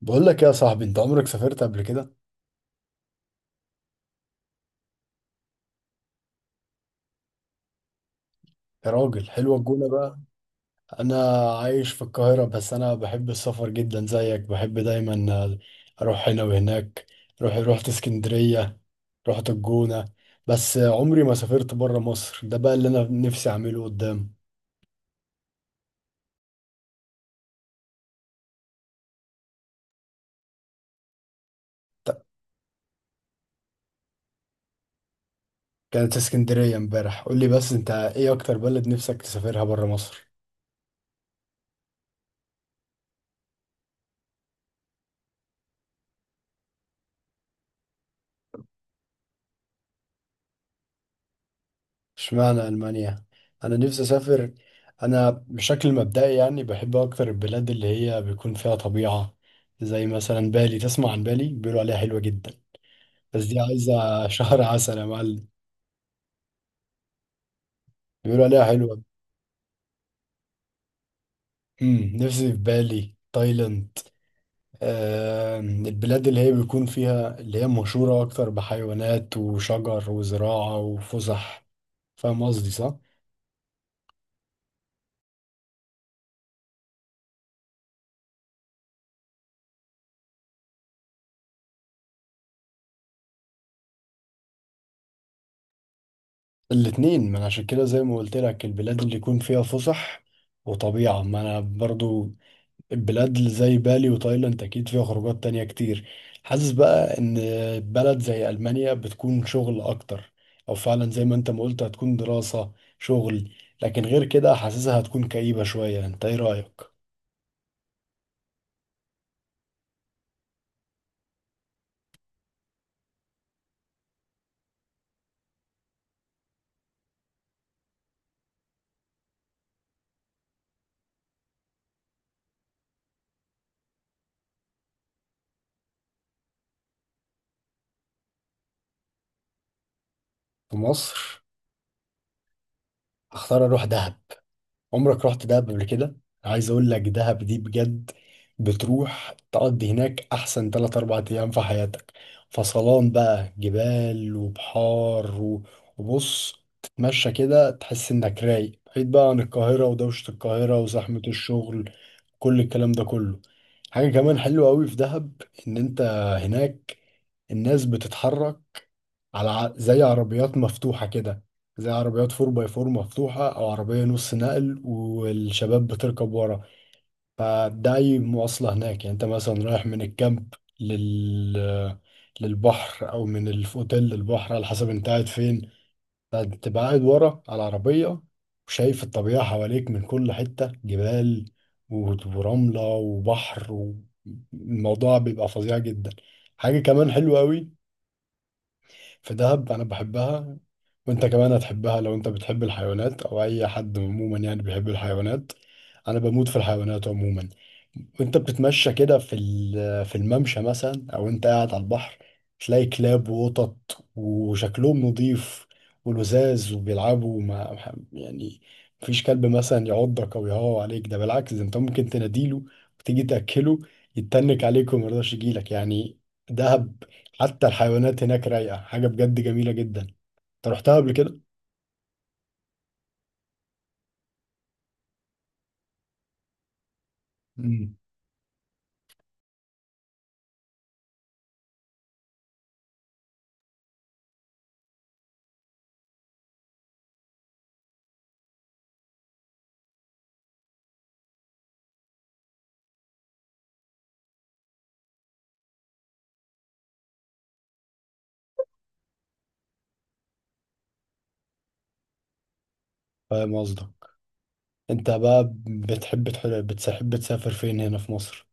بقول لك يا صاحبي، انت عمرك سافرت قبل كده؟ يا راجل، حلوة الجونة بقى. انا عايش في القاهرة، بس انا بحب السفر جدا زيك. بحب دايما، اروح هنا وهناك. روح رحت اسكندرية، رحت الجونة. بس عمري ما سافرت بره مصر. ده بقى اللي انا نفسي اعمله قدام. ط- كانت اسكندرية امبارح. قول لي بس، انت ايه اكتر بلد نفسك تسافرها بره مصر؟ اشمعنى ألمانيا؟ أنا نفسي أسافر. أنا بشكل مبدئي يعني بحب أكتر البلاد اللي هي بيكون فيها طبيعة، زي مثلا بالي. تسمع عن بالي؟ بيقولوا عليها حلوة جدا. بس دي عايزة شهر عسل يا معلم. بيقولوا عليها حلوة. نفسي في بالي، تايلاند. آه، البلاد اللي هي بيكون فيها، اللي هي مشهورة أكتر بحيوانات وشجر وزراعة وفسح. فاهم قصدي صح؟ الاتنين، ما انا عشان كده زي ما قلت لك البلاد اللي يكون فيها فسح وطبيعة. ما انا برضو البلاد اللي زي بالي وتايلاند اكيد فيها خروجات تانية كتير. حاسس بقى ان بلد زي المانيا بتكون شغل اكتر، او فعلا زي ما انت ما قلت، هتكون دراسة، شغل. لكن غير كده حاسسها هتكون كئيبة شوية. انت ايه رأيك؟ في مصر اختار اروح دهب. عمرك رحت دهب قبل كده؟ عايز اقول لك دهب دي بجد بتروح تقضي هناك احسن 3 4 ايام في حياتك. فصلان بقى، جبال وبحار وبص، تتمشى كده تحس انك رايق، بعيد بقى عن القاهرة ودوشة القاهرة وزحمة الشغل، كل الكلام ده كله. حاجة كمان حلوة قوي في دهب ان انت هناك الناس بتتحرك على، زي عربيات مفتوحة كده، زي عربيات 4 باي 4 مفتوحة أو عربية نص نقل والشباب بتركب ورا. فده أي مواصلة هناك. يعني أنت مثلا رايح من الكامب لل للبحر، أو من الأوتيل للبحر، على حسب أنت قاعد فين. فتبقى قاعد ورا على العربية وشايف الطبيعة حواليك من كل حتة، جبال ورملة وبحر، والموضوع بيبقى فظيع جدا. حاجة كمان حلوة أوي في دهب انا بحبها، وانت كمان هتحبها لو انت بتحب الحيوانات، او اي حد عموما يعني بيحب الحيوانات. انا بموت في الحيوانات عموما. وانت بتتمشى كده في في الممشى مثلا، او انت قاعد على البحر، تلاقي كلاب وقطط وشكلهم نظيف ولذاذ وبيلعبوا مع، يعني مفيش كلب مثلا يعضك او يهوى عليك. ده بالعكس، ده انت ممكن تناديله وتيجي تاكله، يتنك عليك وما يرضاش يجيلك يعني. ده حتى الحيوانات هناك رايقة، حاجة بجد جميلة جدا. انت رحتها قبل كده؟ مم. فاهم قصدك. انت بقى بتحب بتحب تسافر فين هنا في مصر؟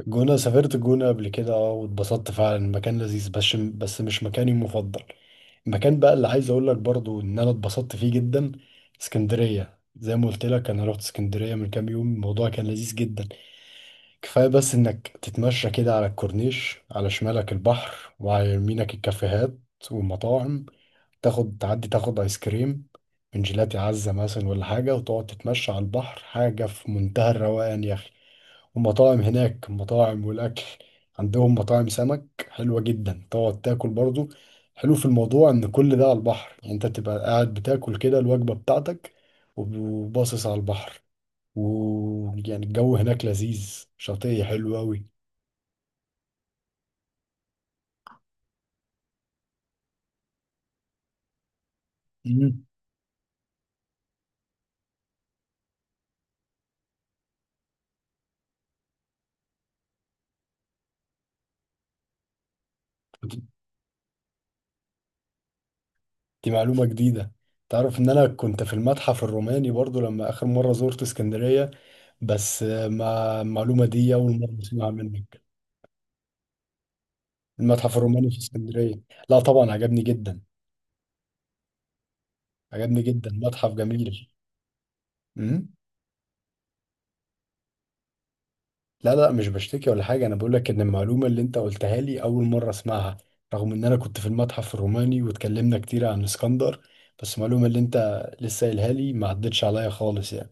الجونة، سافرت الجونة قبل كده اه واتبسطت فعلا، المكان لذيذ، بس مش مكاني المفضل. المكان بقى اللي عايز اقول لك برضو ان انا اتبسطت فيه جدا اسكندرية. زي ما قلت لك انا رحت اسكندرية من كام يوم، الموضوع كان لذيذ جدا. كفاية بس انك تتمشى كده على الكورنيش، على شمالك البحر وعلى يمينك الكافيهات والمطاعم. تاخد، تعدي، تاخد ايس كريم من جيلاتي عزة مثلا ولا حاجة، وتقعد تتمشى على البحر. حاجة في منتهى الروقان يا أخي. ومطاعم هناك، مطاعم والأكل. عندهم مطاعم سمك حلوة جدا، تقعد تاكل برضو. حلو في الموضوع إن كل ده على البحر، يعني أنت تبقى قاعد بتاكل كده الوجبة بتاعتك وباصص على البحر. ويعني الجو هناك لذيذ شاطئي حلو أوي. مم. دي معلومة جديدة. تعرف إن أنا كنت في المتحف الروماني برضو لما آخر مرة زرت اسكندرية؟ بس ما المعلومة دي أول مرة أسمعها منك. المتحف الروماني في اسكندرية؟ لا طبعا، عجبني جدا، عجبني جدا، متحف جميل. امم لا لا، مش بشتكي ولا حاجة. أنا بقول لك إن المعلومة اللي أنت قلتها لي أول مرة أسمعها، رغم إن أنا كنت في المتحف الروماني واتكلمنا كتير عن اسكندر. بس المعلومة اللي أنت لسه قايلها لي ما عدتش عليا خالص يعني.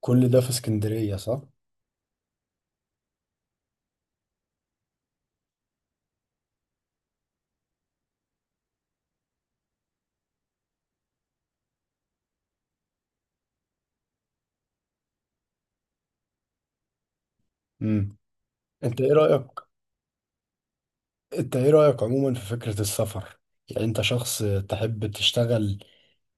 كل ده في اسكندرية صح؟ امم أنت إيه رأيك؟ أنت إيه رأيك عموما في فكرة السفر؟ يعني أنت شخص تحب تشتغل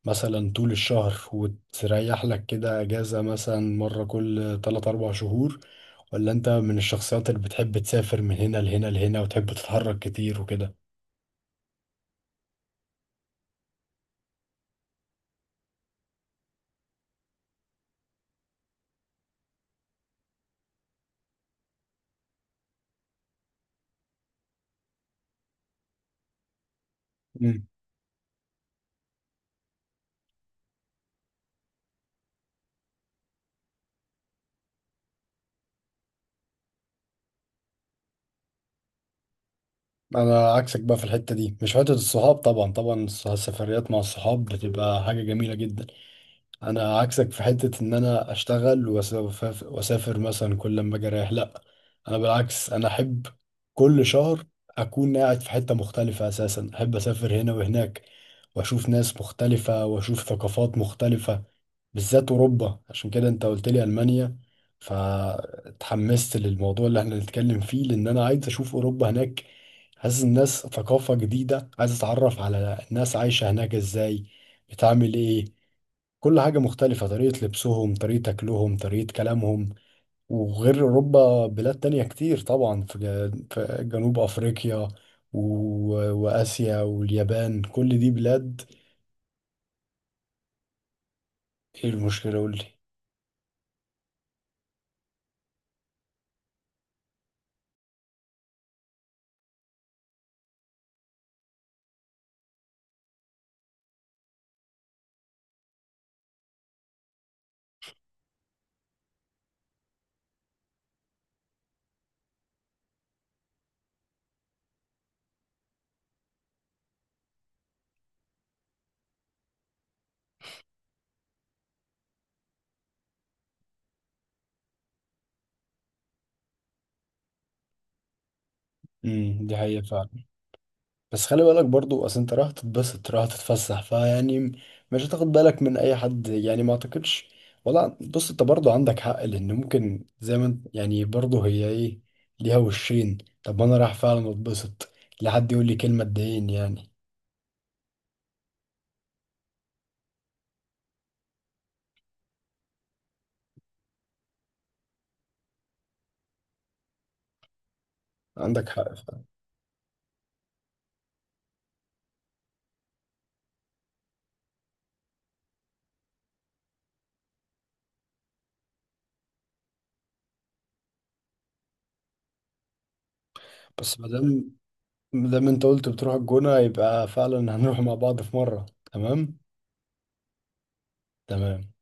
مثلا طول الشهر وتريح لك كده اجازة مثلا مرة كل 3 4 شهور؟ ولا انت من الشخصيات اللي بتحب تسافر من هنا لهنا لهنا وتحب تتحرك كتير وكده؟ مم. انا عكسك بقى في الحتة دي. مش حتة الصحاب، طبعا طبعا السفريات مع الصحاب بتبقى حاجة جميلة جدا. انا عكسك في حتة ان انا اشتغل وأسافر, واسافر مثلا كل ما اجي رايح، لا. انا بالعكس، انا احب كل شهر اكون قاعد في حتة مختلفة. اساسا احب اسافر هنا وهناك واشوف ناس مختلفة واشوف ثقافات مختلفة، بالذات اوروبا. عشان كده انت قلت لي المانيا فتحمست للموضوع اللي احنا نتكلم فيه، لان انا عايز اشوف اوروبا هناك. حاسس الناس ثقافة جديدة، عايز اتعرف على الناس عايشة هناك ازاي، بتعمل ايه، كل حاجة مختلفة، طريقة لبسهم، طريقة أكلهم، طريقة كلامهم. وغير أوروبا بلاد تانية كتير طبعا، في في جنوب أفريقيا و... وآسيا واليابان، كل دي بلاد. إيه المشكلة؟ قولي. دي حقيقة فعلا. بس خلي بالك برضو، اصل انت رايح تتبسط، رايح تتفسح، فيعني مش هتاخد بالك من اي حد يعني، ما اعتقدش. ولا بص، انت برضو عندك حق، لان ممكن زي ما انت، يعني برضو هي ايه، ليها وشين. طب ما انا رايح فعلا اتبسط، لا حد يقول لي كلمة تضايقني يعني. عندك حق فعلا. بس ما دام انت قلت بتروح الجونة يبقى فعلا هنروح مع بعض في مرة. تمام. تمام.